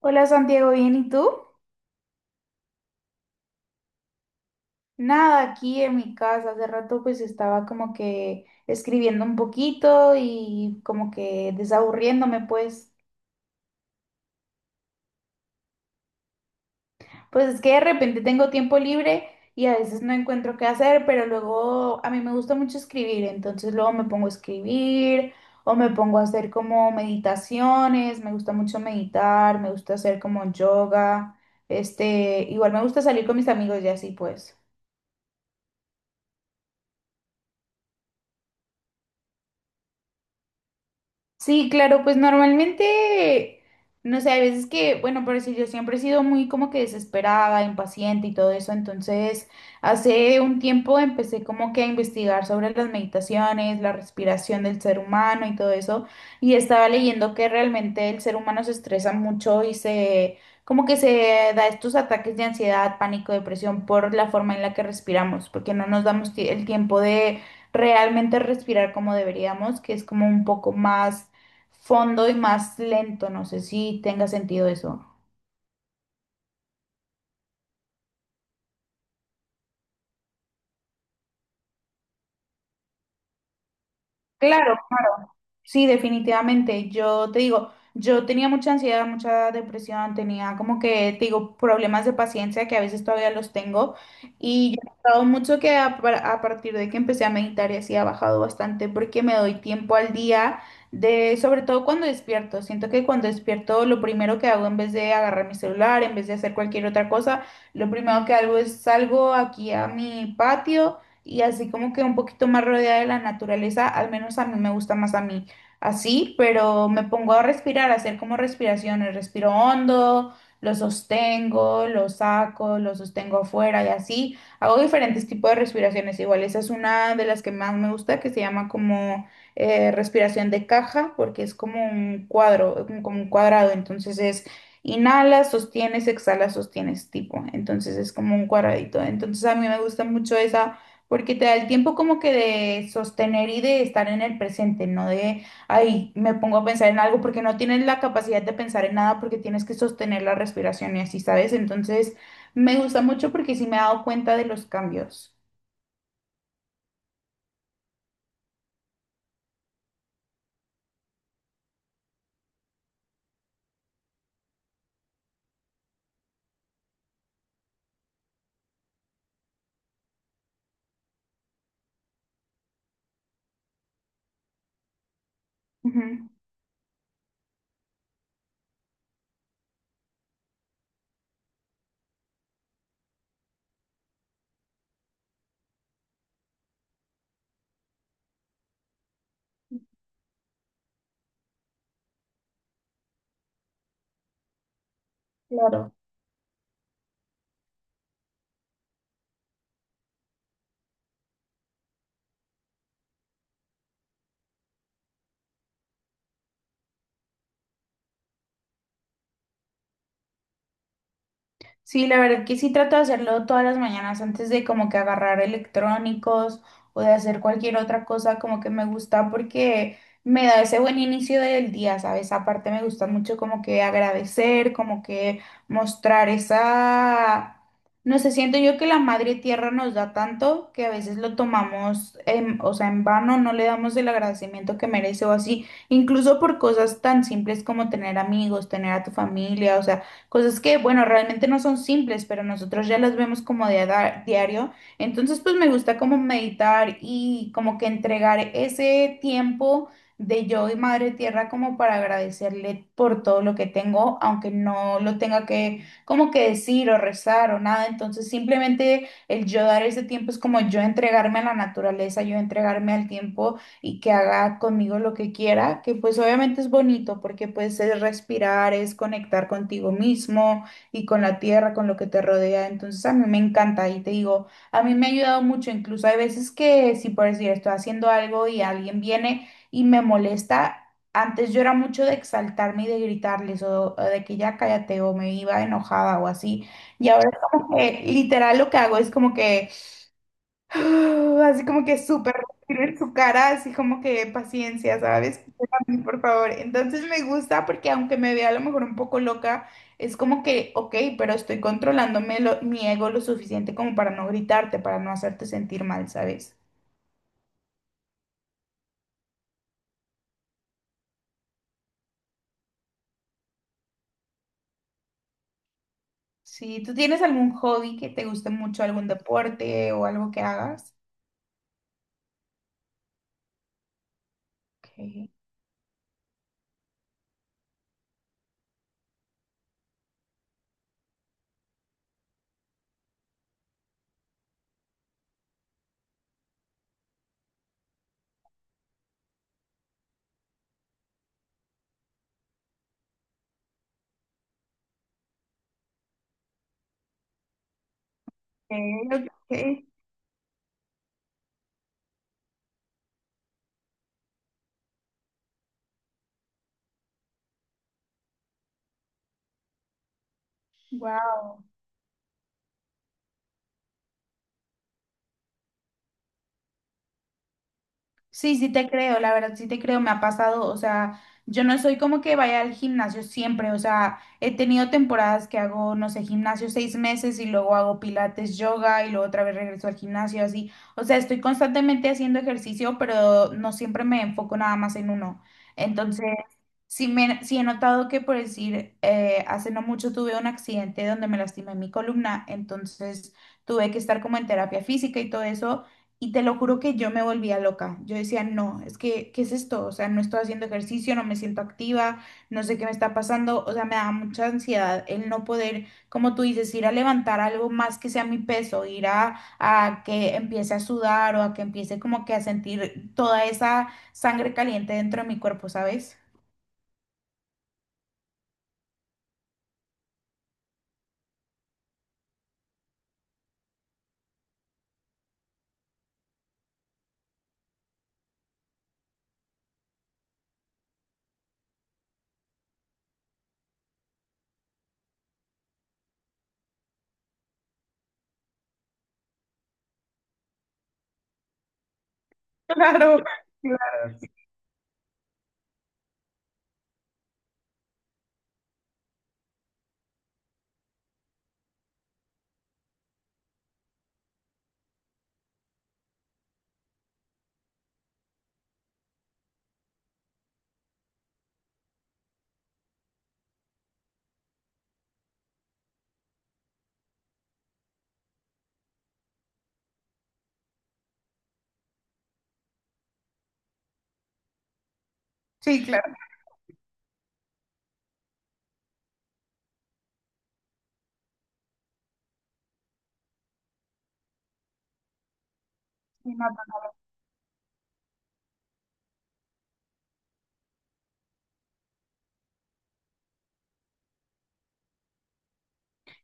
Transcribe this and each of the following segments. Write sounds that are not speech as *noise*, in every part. Hola Santiago, ¿bien y tú? Nada, aquí en mi casa. Hace rato pues estaba como que escribiendo un poquito y como que desaburriéndome pues. Pues es que de repente tengo tiempo libre y a veces no encuentro qué hacer, pero luego a mí me gusta mucho escribir, entonces luego me pongo a escribir o me pongo a hacer como meditaciones, me gusta mucho meditar, me gusta hacer como yoga, este, igual me gusta salir con mis amigos y así pues. Sí, claro, pues normalmente, no sé, hay veces que, bueno, pero si yo siempre he sido muy como que desesperada, impaciente y todo eso, entonces hace un tiempo empecé como que a investigar sobre las meditaciones, la respiración del ser humano y todo eso, y estaba leyendo que realmente el ser humano se estresa mucho y se, como que se da estos ataques de ansiedad, pánico, depresión por la forma en la que respiramos, porque no nos damos el tiempo de realmente respirar como deberíamos, que es como un poco más fondo y más lento. No sé si tenga sentido eso. Claro, claro. Sí, definitivamente. Yo te digo, yo tenía mucha ansiedad, mucha depresión, tenía como que, te digo, problemas de paciencia que a veces todavía los tengo. Y yo he notado mucho que a partir de que empecé a meditar y así ha bajado bastante porque me doy tiempo al día de, sobre todo cuando despierto. Siento que cuando despierto lo primero que hago en vez de agarrar mi celular, en vez de hacer cualquier otra cosa, lo primero que hago es salgo aquí a mi patio y así como que un poquito más rodeada de la naturaleza, al menos a mí me gusta más a mí así, pero me pongo a respirar, a hacer como respiraciones, respiro hondo, lo sostengo, lo saco, lo sostengo afuera y así, hago diferentes tipos de respiraciones, igual esa es una de las que más me gusta, que se llama como respiración de caja, porque es como un cuadro, como un cuadrado, entonces es... Inhalas, sostienes, exhalas, sostienes, tipo. Entonces es como un cuadradito. Entonces a mí me gusta mucho esa porque te da el tiempo como que de sostener y de estar en el presente, no de, ay, me pongo a pensar en algo porque no tienes la capacidad de pensar en nada porque tienes que sostener la respiración y así, ¿sabes? Entonces, me gusta mucho porque sí me he dado cuenta de los cambios. Ujú, claro. Sí, la verdad que sí trato de hacerlo todas las mañanas antes de como que agarrar electrónicos o de hacer cualquier otra cosa como que me gusta porque me da ese buen inicio del día, ¿sabes? Aparte me gusta mucho como que agradecer, como que mostrar esa... No sé, siento yo que la madre tierra nos da tanto que a veces lo tomamos, en, o sea, en vano, no le damos el agradecimiento que merece o así, incluso por cosas tan simples como tener amigos, tener a tu familia, o sea... Cosas que, bueno, realmente no son simples, pero nosotros ya las vemos como de diario. Entonces, pues me gusta como meditar y como que entregar ese tiempo de yo y Madre Tierra como para agradecerle por todo lo que tengo, aunque no lo tenga que como que decir o rezar o nada. Entonces, simplemente el yo dar ese tiempo es como yo entregarme a la naturaleza, yo entregarme al tiempo y que haga conmigo lo que quiera, que pues obviamente es bonito porque pues es respirar, es conectar contigo mismo y con la tierra, con lo que te rodea. Entonces a mí me encanta y te digo, a mí me ha ayudado mucho, incluso hay veces que si por decir estoy haciendo algo y alguien viene y me molesta. Antes yo era mucho de exaltarme y de gritarles o de que ya cállate o me iba enojada o así. Y ahora es como que literal lo que hago es como que *gasps* *sighs* así como que súper respiro en su cara, así como que paciencia, ¿sabes? Espérame, por favor. Entonces me gusta porque aunque me vea a lo mejor un poco loca, es como que, ok, pero estoy controlándome mi ego lo suficiente como para no gritarte, para no hacerte sentir mal, ¿sabes? ¿Sí tú tienes algún hobby que te guste mucho, algún deporte o algo que hagas? Ok, ok, ok. Wow. Sí, sí te creo, la verdad sí te creo, me ha pasado, o sea, yo no soy como que vaya al gimnasio siempre, o sea, he tenido temporadas que hago, no sé, gimnasio seis meses y luego hago pilates, yoga y luego otra vez regreso al gimnasio, así, o sea, estoy constantemente haciendo ejercicio, pero no siempre me enfoco nada más en uno. Entonces, sí, me, sí he notado que, por decir, hace no mucho tuve un accidente donde me lastimé mi columna, entonces tuve que estar como en terapia física y todo eso. Y te lo juro que yo me volvía loca. Yo decía, no, es que, ¿qué es esto? O sea, no estoy haciendo ejercicio, no me siento activa, no sé qué me está pasando. O sea, me da mucha ansiedad el no poder, como tú dices, ir a levantar algo más que sea mi peso, ir a que empiece a sudar o a que empiece como que a sentir toda esa sangre caliente dentro de mi cuerpo, ¿sabes? *laughs* Claro, claro. Sí, claro.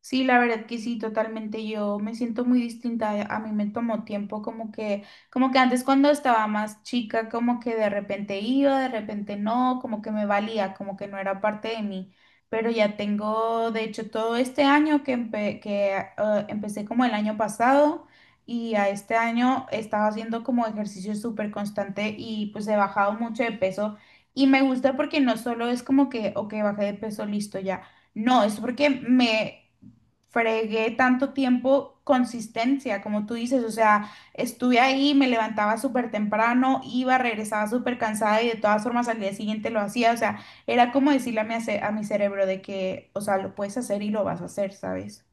Sí, la verdad que sí, totalmente. Yo me siento muy distinta. A mí me tomó tiempo como que antes cuando estaba más chica, como que de repente iba, de repente no, como que me valía, como que no era parte de mí. Pero ya tengo, de hecho, todo este año que, empecé como el año pasado y a este año estaba haciendo como ejercicio súper constante y pues he bajado mucho de peso y me gusta porque no solo es como que, ok, bajé de peso, listo ya. No, es porque me fregué tanto tiempo consistencia, como tú dices, o sea, estuve ahí, me levantaba súper temprano, iba, regresaba súper cansada y de todas formas al día siguiente lo hacía, o sea, era como decirle a a mi cerebro de que, o sea, lo puedes hacer y lo vas a hacer, ¿sabes?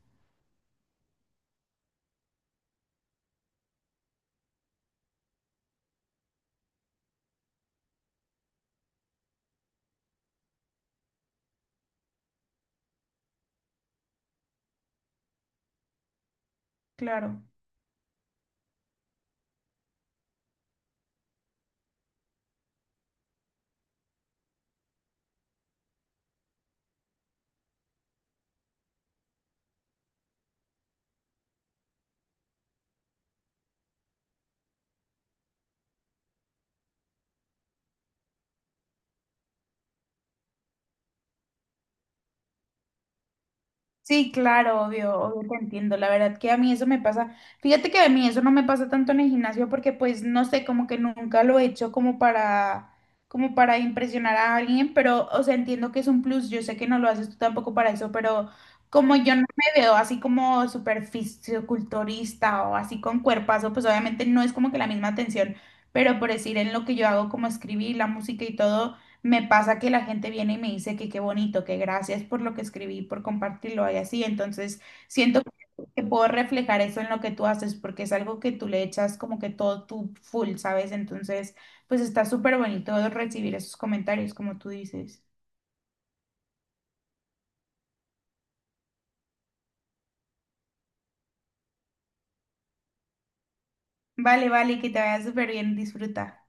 Claro. Sí, claro, obvio, obvio te entiendo. La verdad que a mí eso me pasa. Fíjate que a mí eso no me pasa tanto en el gimnasio porque pues no sé, como que nunca lo he hecho como para como para impresionar a alguien, pero o sea, entiendo que es un plus. Yo sé que no lo haces tú tampoco para eso, pero como yo no me veo así como súper fisiculturista o así con cuerpazo, pues obviamente no es como que la misma atención, pero por decir en lo que yo hago como escribir la música y todo me pasa que la gente viene y me dice que qué bonito, que gracias por lo que escribí, por compartirlo y así. Entonces, siento que puedo reflejar eso en lo que tú haces porque es algo que tú le echas como que todo tu full, ¿sabes? Entonces, pues está súper bonito recibir esos comentarios, como tú dices. Vale, vale, que te vaya súper bien, disfruta.